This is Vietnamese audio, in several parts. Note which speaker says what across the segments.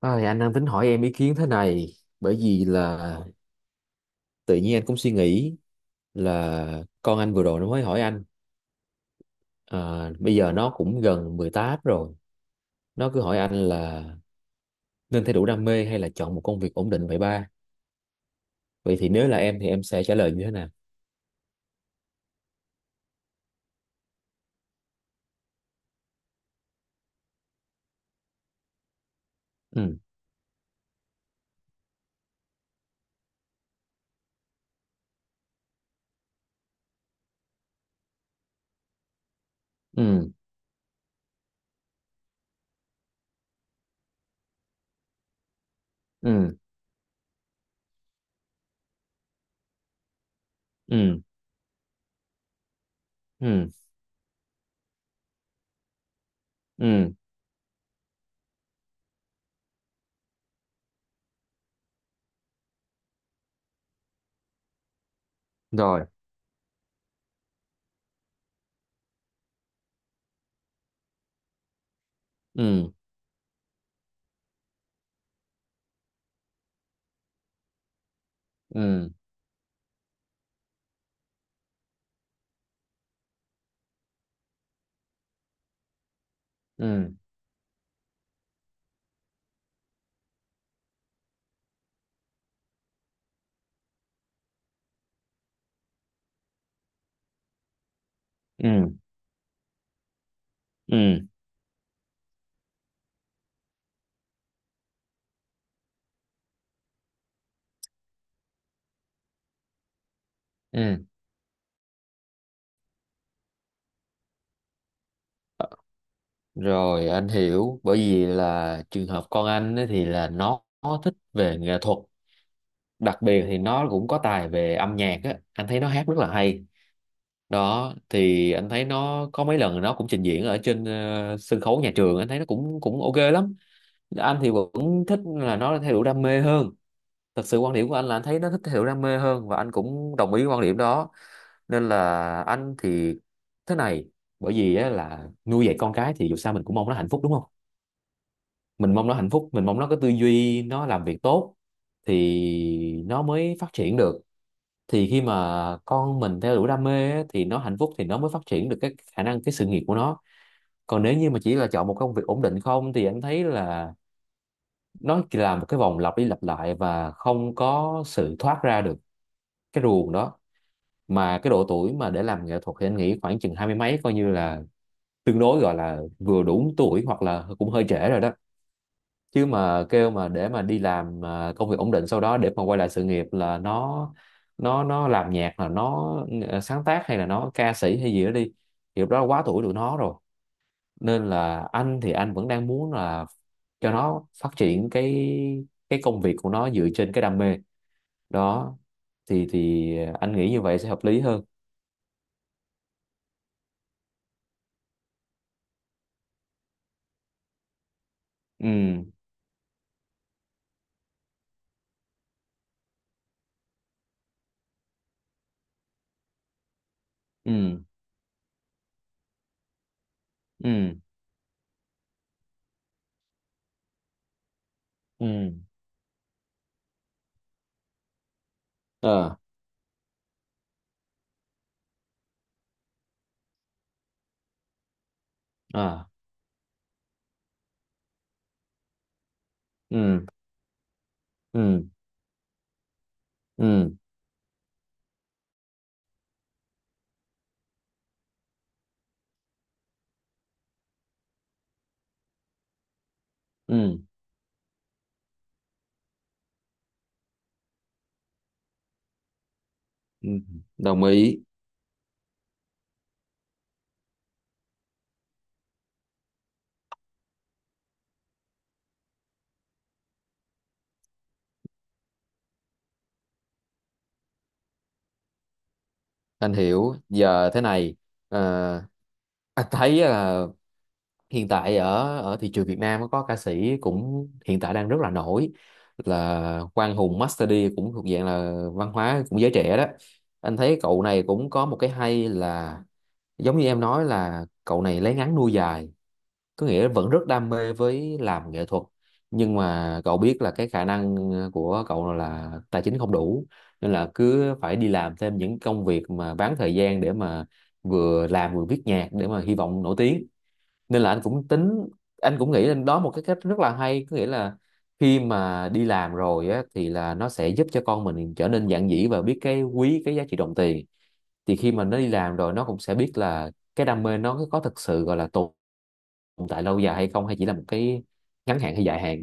Speaker 1: Ôi, anh đang tính hỏi em ý kiến thế này, bởi vì là tự nhiên anh cũng suy nghĩ là con anh vừa rồi nó mới hỏi anh. À, bây giờ nó cũng gần 18 rồi, nó cứ hỏi anh là nên theo đuổi đam mê hay là chọn một công việc ổn định, vậy ba? Vậy thì nếu là em thì em sẽ trả lời như thế nào? Ừ. Ừ. Ừ. Ừ. Ừ. Ừ. Rồi. Ừ. Ừ. Ừ. Ừ. Ừ. Ừ. Rồi. Anh hiểu. Bởi vì là trường hợp con anh ấy thì là nó thích về nghệ thuật, đặc biệt thì nó cũng có tài về âm nhạc á, anh thấy nó hát rất là hay. Đó thì anh thấy nó có mấy lần nó cũng trình diễn ở trên sân khấu nhà trường, anh thấy nó cũng cũng ok lắm. Anh thì vẫn thích là nó theo đuổi đam mê hơn. Thật sự quan điểm của anh là anh thấy nó thích theo đuổi đam mê hơn và anh cũng đồng ý quan điểm đó. Nên là anh thì thế này. Bởi vì á, là nuôi dạy con cái thì dù sao mình cũng mong nó hạnh phúc, đúng không? Mình mong nó hạnh phúc, mình mong nó có tư duy, nó làm việc tốt thì nó mới phát triển được. Thì khi mà con mình theo đuổi đam mê á, thì nó hạnh phúc thì nó mới phát triển được cái khả năng, cái sự nghiệp của nó. Còn nếu như mà chỉ là chọn một công việc ổn định không thì anh thấy là nó chỉ là một cái vòng lặp đi lặp lại và không có sự thoát ra được cái ruồng đó. Mà cái độ tuổi mà để làm nghệ thuật thì anh nghĩ khoảng chừng hai mươi mấy, coi như là tương đối gọi là vừa đủ tuổi hoặc là cũng hơi trễ rồi đó. Chứ mà kêu mà để mà đi làm công việc ổn định sau đó để mà quay lại sự nghiệp là nó làm nhạc là nó ừ, sáng tác hay là nó ca sĩ hay gì đó đi thì lúc đó quá tuổi tụi nó rồi. Nên là anh thì anh vẫn đang muốn là cho nó phát triển cái công việc của nó dựa trên cái đam mê đó thì anh nghĩ như vậy sẽ hợp lý hơn. Ừ. Ừ. Ừ. Ừ. Ờ. Ờ. Ừ. Ừ. Ừ. Ừ. Ừ. Đồng ý. Anh hiểu giờ thế này. ờ, anh thấy là hiện tại ở ở thị trường Việt Nam có ca sĩ cũng hiện tại đang rất là nổi, là Quang Hùng Master D, cũng thuộc dạng là văn hóa cũng giới trẻ đó. Anh thấy cậu này cũng có một cái hay là giống như em nói, là cậu này lấy ngắn nuôi dài. Có nghĩa vẫn rất đam mê với làm nghệ thuật, nhưng mà cậu biết là cái khả năng của cậu là tài chính không đủ, nên là cứ phải đi làm thêm những công việc mà bán thời gian để mà vừa làm vừa viết nhạc để mà hy vọng nổi tiếng. Nên là anh cũng tính, anh cũng nghĩ lên đó một cái cách rất là hay, có nghĩa là khi mà đi làm rồi á, thì là nó sẽ giúp cho con mình trở nên dạn dĩ và biết cái quý cái giá trị đồng tiền. Thì khi mà nó đi làm rồi nó cũng sẽ biết là cái đam mê nó có thực sự gọi là tồn tồn tại lâu dài hay không, hay chỉ là một cái ngắn hạn hay dài hạn.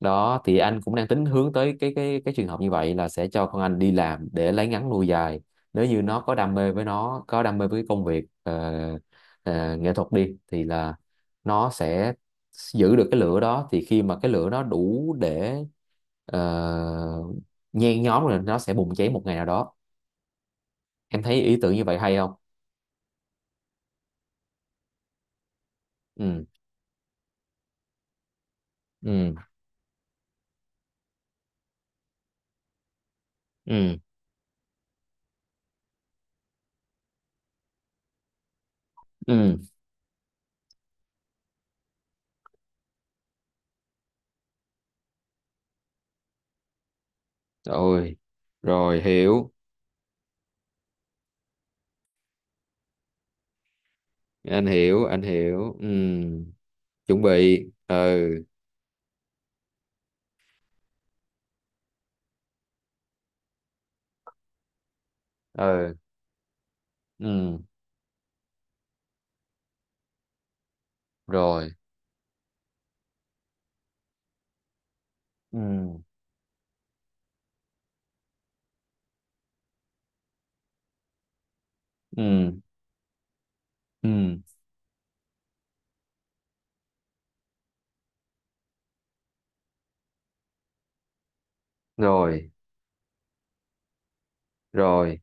Speaker 1: Đó thì anh cũng đang tính hướng tới cái trường hợp như vậy là sẽ cho con anh đi làm để lấy ngắn nuôi dài. Nếu như nó có đam mê với cái công việc nghệ thuật đi thì là nó sẽ giữ được cái lửa, đó thì khi mà cái lửa nó đủ để ờ, nhen nhóm rồi nó sẽ bùng cháy một ngày nào đó. Em thấy ý tưởng như vậy hay không? Ừ. Ừ. Ừ. Ừ. Ôi. Rồi. Hiểu. Anh hiểu, anh hiểu. Ừ. Chuẩn bị. Ừ. Ừ. Ừ. Rồi. Ừ. Ừ. Ừ. Rồi. Rồi.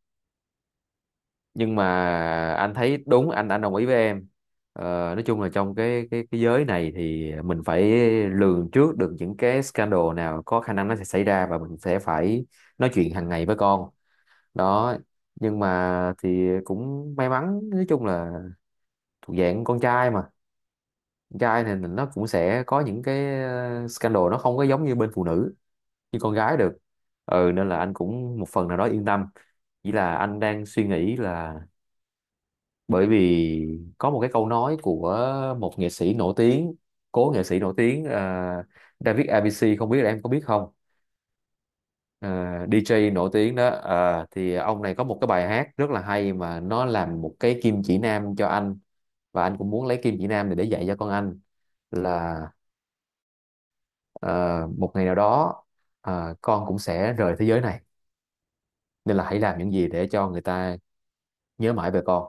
Speaker 1: Nhưng mà anh thấy đúng, anh đồng ý với em. ờ, nói chung là trong cái giới này thì mình phải lường trước được những cái scandal nào có khả năng nó sẽ xảy ra và mình sẽ phải nói chuyện hàng ngày với con đó. Nhưng mà thì cũng may mắn, nói chung là thuộc dạng con trai mà, trai thì nó cũng sẽ có những cái scandal nó không có giống như bên phụ nữ như con gái được. Ừ, nên là anh cũng một phần nào đó yên tâm, chỉ là anh đang suy nghĩ là bởi vì có một cái câu nói của một nghệ sĩ nổi tiếng, cố nghệ sĩ nổi tiếng, David ABC, không biết là em có biết không? Ờ, DJ nổi tiếng đó, thì ông này có một cái bài hát rất là hay mà nó làm một cái kim chỉ nam cho anh. Và anh cũng muốn lấy kim chỉ nam này để dạy cho con anh, là: Ờ, một ngày nào đó con cũng sẽ rời thế giới này, nên là hãy làm những gì để cho người ta nhớ mãi về con.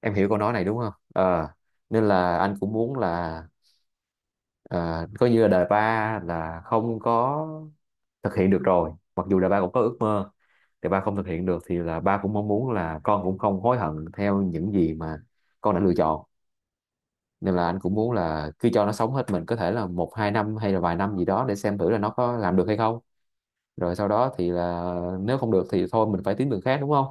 Speaker 1: Em hiểu câu nói này đúng không? Ờ, nên là anh cũng muốn là ờ, coi như là đời ba là không có thực hiện được rồi, mặc dù là ba cũng có ước mơ. Thì ba không thực hiện được thì là ba cũng mong muốn là con cũng không hối hận theo những gì mà con đã lựa chọn. Nên là anh cũng muốn là cứ cho nó sống hết mình, có thể là một hai năm hay là vài năm gì đó, để xem thử là nó có làm được hay không. Rồi sau đó thì là nếu không được thì thôi mình phải tìm đường khác, đúng không?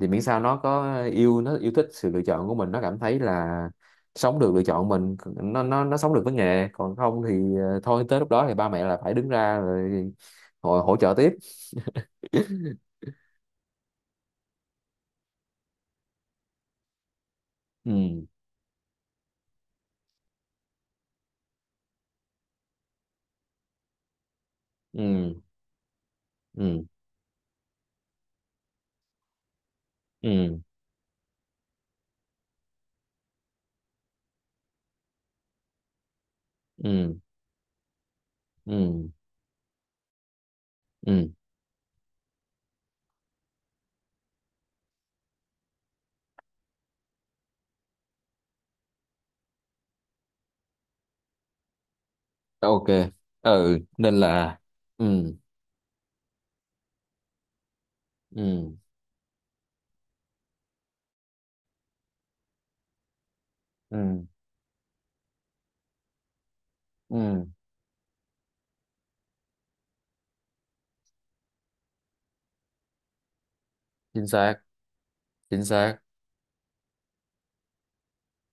Speaker 1: Thì miễn sao nó yêu thích sự lựa chọn của mình, nó cảm thấy là sống được lựa chọn mình, nó sống được với nghề. Còn không thì thôi tới lúc đó thì ba mẹ là phải đứng ra rồi hỗ trợ tiếp. Ừ. Ừ. Ừ. Ừ. Ừ. Ừ. Ừ. Ok. Ừ. Nên là. Ừ. Ừ. Ừ. Ừ. Chính xác. Chính xác.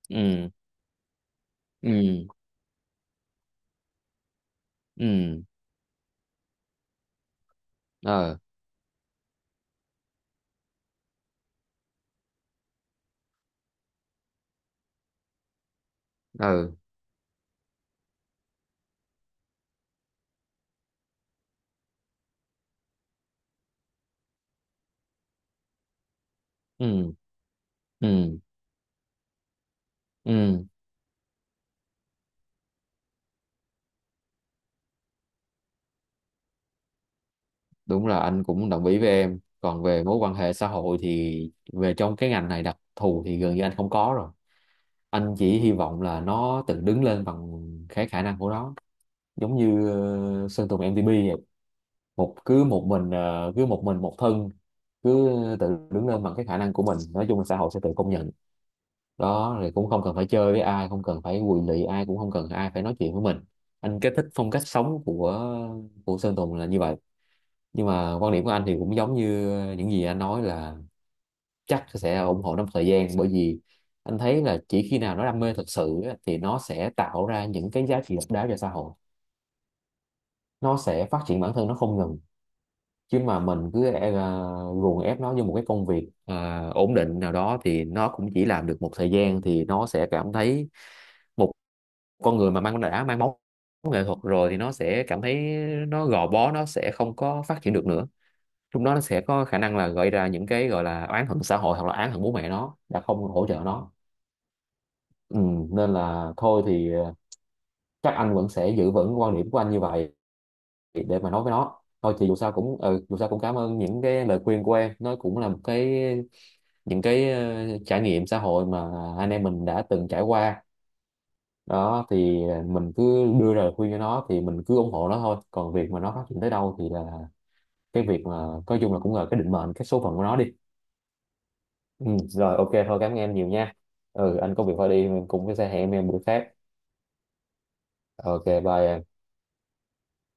Speaker 1: Ừ. Ừ. Ừ. Ờ. Ờ. Ừ. Ừ. Ừ. Đúng là anh cũng đồng ý với em. Còn về mối quan hệ xã hội thì về trong cái ngành này đặc thù thì gần như anh không có rồi. Anh chỉ hy vọng là nó tự đứng lên bằng cái khả năng của nó, giống như Sơn Tùng MTP vậy. Cứ một mình, cứ một mình một thân, cứ tự đứng lên bằng cái khả năng của mình, nói chung là xã hội sẽ tự công nhận. Đó thì cũng không cần phải chơi với ai, không cần phải quỳ lị ai, cũng không cần ai phải nói chuyện với mình. Anh cái thích phong cách sống của Sơn Tùng là như vậy. Nhưng mà quan điểm của anh thì cũng giống như những gì anh nói, là chắc sẽ ủng hộ nó một thời gian, bởi vì anh thấy là chỉ khi nào nó đam mê thật sự á, thì nó sẽ tạo ra những cái giá trị độc đáo cho xã hội, nó sẽ phát triển bản thân nó không ngừng. Chứ mà mình cứ ruồng ép nó như một cái công việc ổn định nào đó thì nó cũng chỉ làm được một thời gian thì nó sẽ cảm thấy, một con người mà đã mang máu nghệ thuật rồi thì nó sẽ cảm thấy nó gò bó, nó sẽ không có phát triển được nữa. Lúc đó nó sẽ có khả năng là gợi ra những cái gọi là oán hận xã hội hoặc là oán hận bố mẹ nó đã không hỗ trợ nó. Ừ, nên là thôi thì chắc anh vẫn sẽ giữ vững quan điểm của anh như vậy để mà nói với nó. Thôi thì dù sao cũng cảm ơn những cái lời khuyên của em, nó cũng là một cái, những cái trải nghiệm xã hội mà anh em mình đã từng trải qua. Đó thì mình cứ đưa ra lời khuyên cho nó thì mình cứ ủng hộ nó thôi, còn việc mà nó phát triển tới đâu thì là cái việc mà nói chung là cũng là cái định mệnh, cái số phận của nó đi. Ừ, rồi ok thôi, cảm ơn em nhiều nha. Ừ, anh có việc phải đi, mình cũng sẽ hẹn em bữa khác. Ok, bye em.